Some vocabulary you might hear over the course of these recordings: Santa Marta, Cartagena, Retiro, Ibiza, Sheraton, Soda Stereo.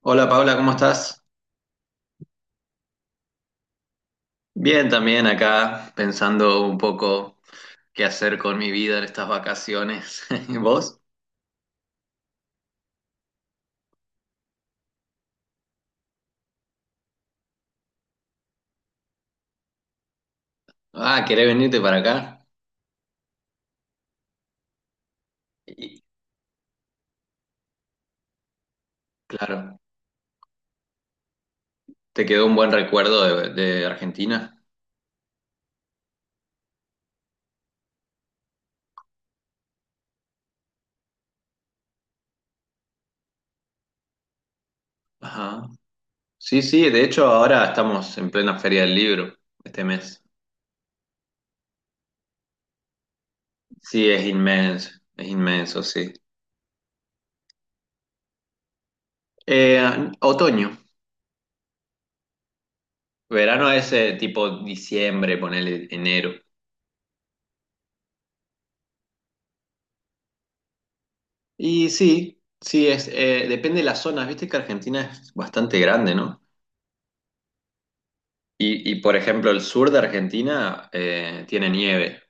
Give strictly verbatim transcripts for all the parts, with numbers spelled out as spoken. Hola Paula, ¿cómo estás? Bien, también acá pensando un poco qué hacer con mi vida en estas vacaciones. ¿Vos? Ah, ¿querés venirte para acá? Y, claro, ¿te quedó un buen recuerdo de, de Argentina? Ajá. Sí, sí, de hecho ahora estamos en plena Feria del Libro este mes. Sí, es inmenso, es inmenso, sí. Eh, Otoño, verano es eh, tipo diciembre, ponele enero. Y sí, sí, es, eh, depende de las zonas. Viste que Argentina es bastante grande, ¿no? Y, y, por ejemplo, el sur de Argentina eh, tiene nieve.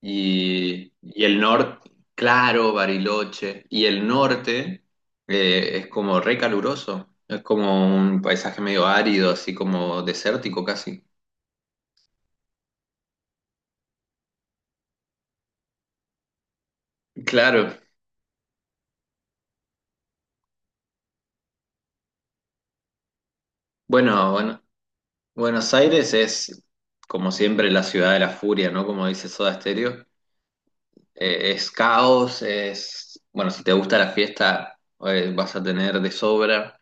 Y, y el norte, claro, Bariloche. Y el norte eh, es como re caluroso. Es como un paisaje medio árido, así como desértico casi. Claro. Bueno, bueno, Buenos Aires es, como siempre, la ciudad de la furia, ¿no? Como dice Soda Stereo. Eh, es caos, es, bueno, si te gusta la fiesta, eh, vas a tener de sobra.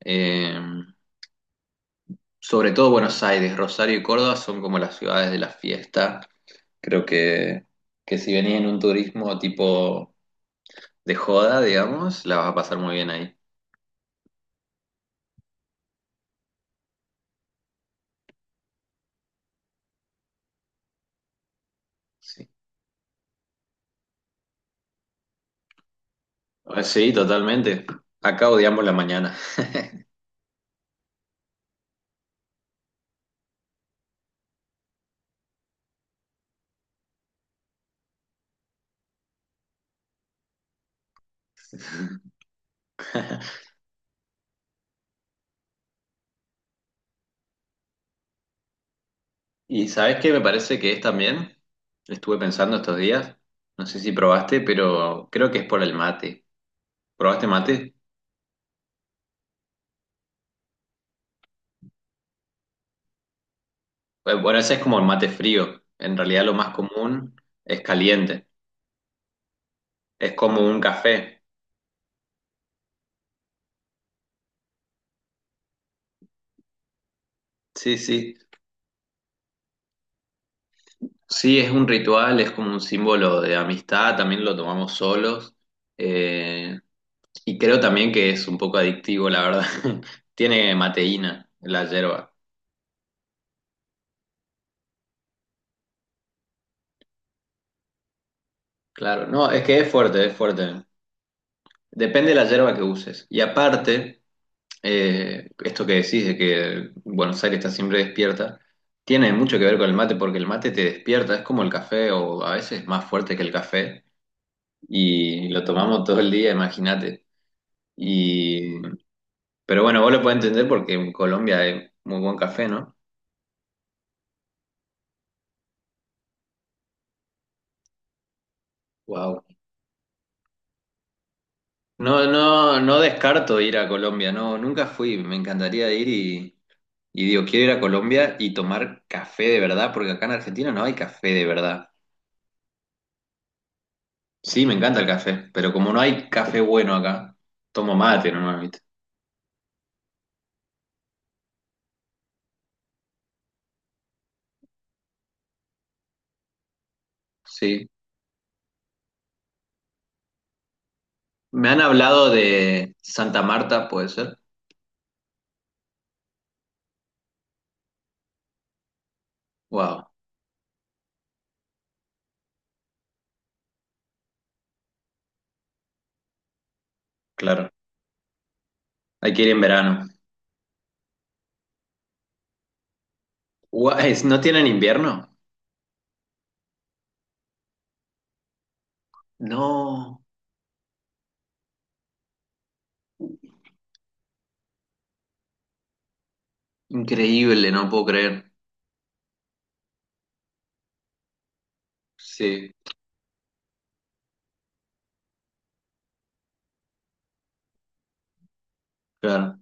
Eh, Sobre todo Buenos Aires, Rosario y Córdoba son como las ciudades de la fiesta. Creo que, que si venís en un turismo tipo de joda, digamos, la vas a pasar muy bien ahí. Sí, Eh, sí, totalmente. Acá odiamos la mañana. ¿Y sabes qué me parece que es también? Estuve pensando estos días, no sé si probaste, pero creo que es por el mate. ¿Probaste mate? Eh, Bueno, ese es como el mate frío. En realidad lo más común es caliente. Es como un café. Sí, sí. Sí, es un ritual, es como un símbolo de amistad. También lo tomamos solos. Eh, y creo también que es un poco adictivo, la verdad. Tiene mateína la yerba. Claro, no, es que es fuerte, es fuerte. Depende de la yerba que uses. Y aparte... eh, esto que decís de que Buenos Aires está siempre despierta, tiene mucho que ver con el mate porque el mate te despierta, es como el café o a veces más fuerte que el café y lo tomamos todo el día, imagínate. Y, pero bueno, vos lo podés entender porque en Colombia hay muy buen café, ¿no? Wow. No, no, no descarto ir a Colombia, no, nunca fui, me encantaría ir y, y digo, quiero ir a Colombia y tomar café de verdad porque acá en Argentina no hay café de verdad. Sí, me encanta el café, pero como no hay café bueno acá, tomo mate nomás, ¿viste? Sí. Me han hablado de Santa Marta, ¿puede ser? Wow, claro. Hay que ir en verano. Guay, ¿no tienen invierno? No, increíble, no puedo creer. Sí, claro.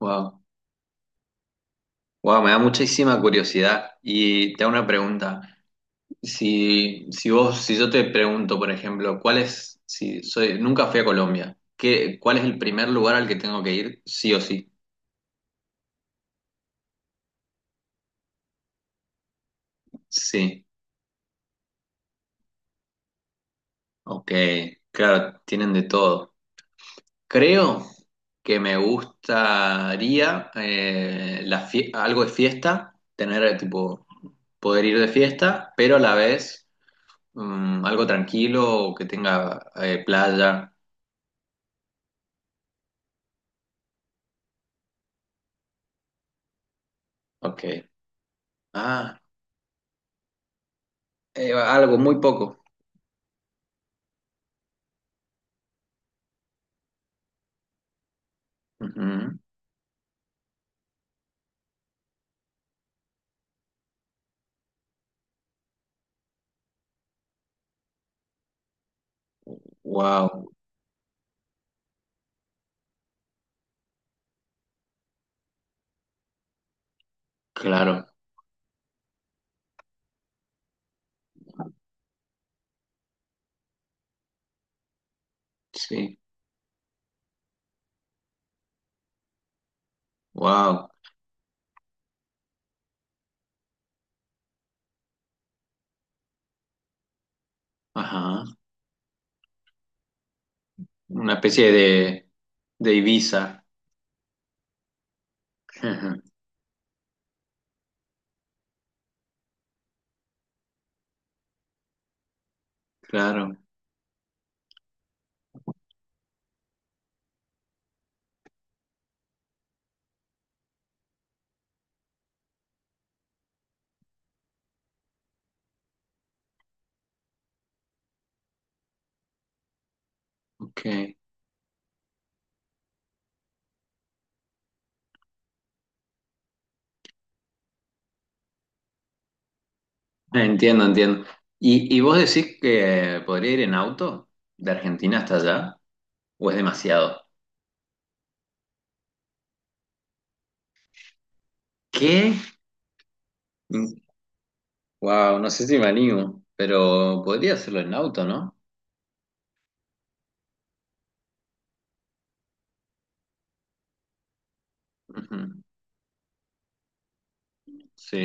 Wow. Wow, me da muchísima curiosidad. Y te hago una pregunta. Si, si vos, si yo te pregunto, por ejemplo, ¿cuál es, si soy, nunca fui a Colombia, ¿qué, ¿cuál es el primer lugar al que tengo que ir, sí o sí? Sí, ok, claro, tienen de todo. Creo que me gustaría eh, la fie- algo de fiesta, tener eh, tipo poder ir de fiesta, pero a la vez mm, algo tranquilo que tenga eh, playa. Ok. Ah, eh, algo muy poco. Wow, claro, sí, wow, ajá, una especie de de Ibiza. Claro, ok. Entiendo, entiendo. ¿Y, y vos decís que podría ir en auto de Argentina hasta allá? ¿O es demasiado? ¿Qué? Wow, no sé si me animo, pero podría hacerlo en auto, ¿no? Ujú, sí.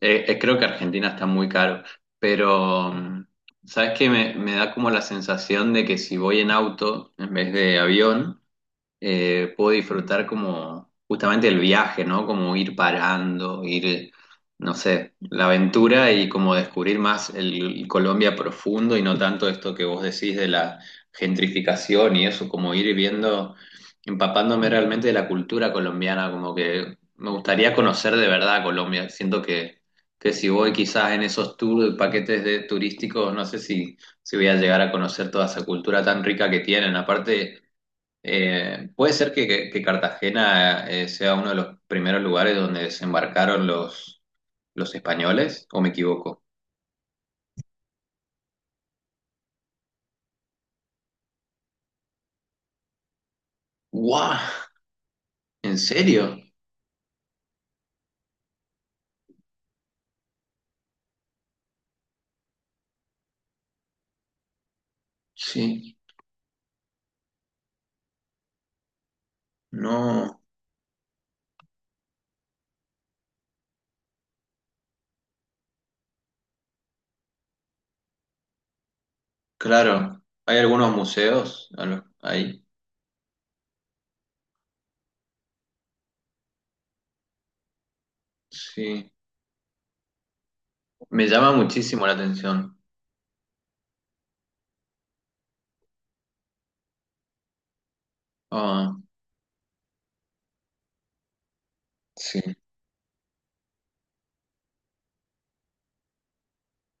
Eh, eh, creo que Argentina está muy caro, pero mm, ¿sabes qué? Me, me da como la sensación de que si voy en auto en vez de avión, eh, puedo disfrutar como justamente el viaje, ¿no? Como ir parando, ir, no sé, la aventura y como descubrir más el, el Colombia profundo y no tanto esto que vos decís de la gentrificación y eso, como ir viendo, empapándome realmente de la cultura colombiana, como que me gustaría conocer de verdad Colombia. Siento que, que si voy quizás en esos tours, paquetes de turísticos, no sé si, si voy a llegar a conocer toda esa cultura tan rica que tienen. Aparte, eh, puede ser que, que- que Cartagena eh, sea uno de los primeros lugares donde desembarcaron los, los españoles, ¿o me equivoco? ¡Guau! ¿En serio? Sí, no, claro. Hay algunos museos a lo- ahí. Sí, me llama muchísimo la atención. Ah, sí.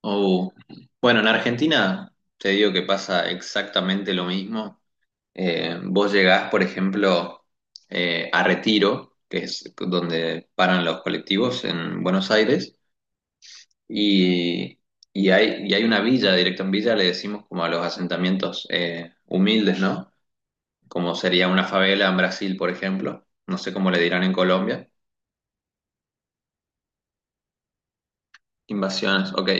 Oh. Bueno, en Argentina te digo que pasa exactamente lo mismo. Eh, vos llegás, por ejemplo, eh, a Retiro, que es donde paran los colectivos en Buenos Aires, y, y hay, y hay una villa, directo en villa le decimos como a los asentamientos eh, humildes, ¿no? Como sería una favela en Brasil, por ejemplo, no sé cómo le dirán en Colombia, Invasiones, ok.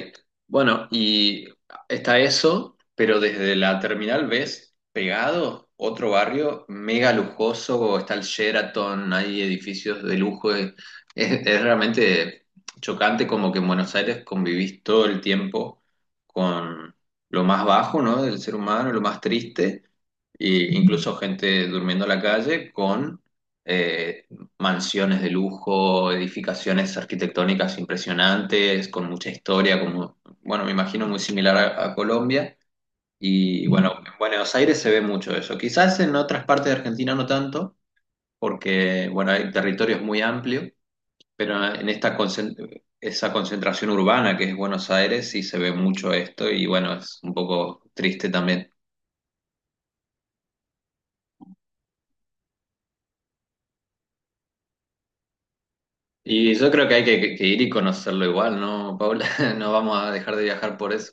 Bueno, y está eso, pero desde la terminal ves pegado otro barrio mega lujoso, está el Sheraton, hay edificios de lujo, es, es- es realmente chocante como que en Buenos Aires convivís todo el tiempo con lo más bajo, ¿no? Del ser humano, lo más triste. Y incluso gente durmiendo en la calle con eh, mansiones de lujo, edificaciones arquitectónicas impresionantes, con mucha historia, como, bueno, me imagino muy similar a, a Colombia. Y bueno, en Buenos Aires se ve mucho eso. Quizás en otras partes de Argentina no tanto, porque, bueno, el territorio es muy amplio, pero en esta concen- esa concentración urbana que es Buenos Aires sí se ve mucho esto y, bueno, es un poco triste también. Y yo creo que hay que, que ir y conocerlo igual, ¿no, Paula? No vamos a dejar de viajar por eso.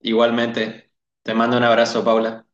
Igualmente, te mando un abrazo, Paula.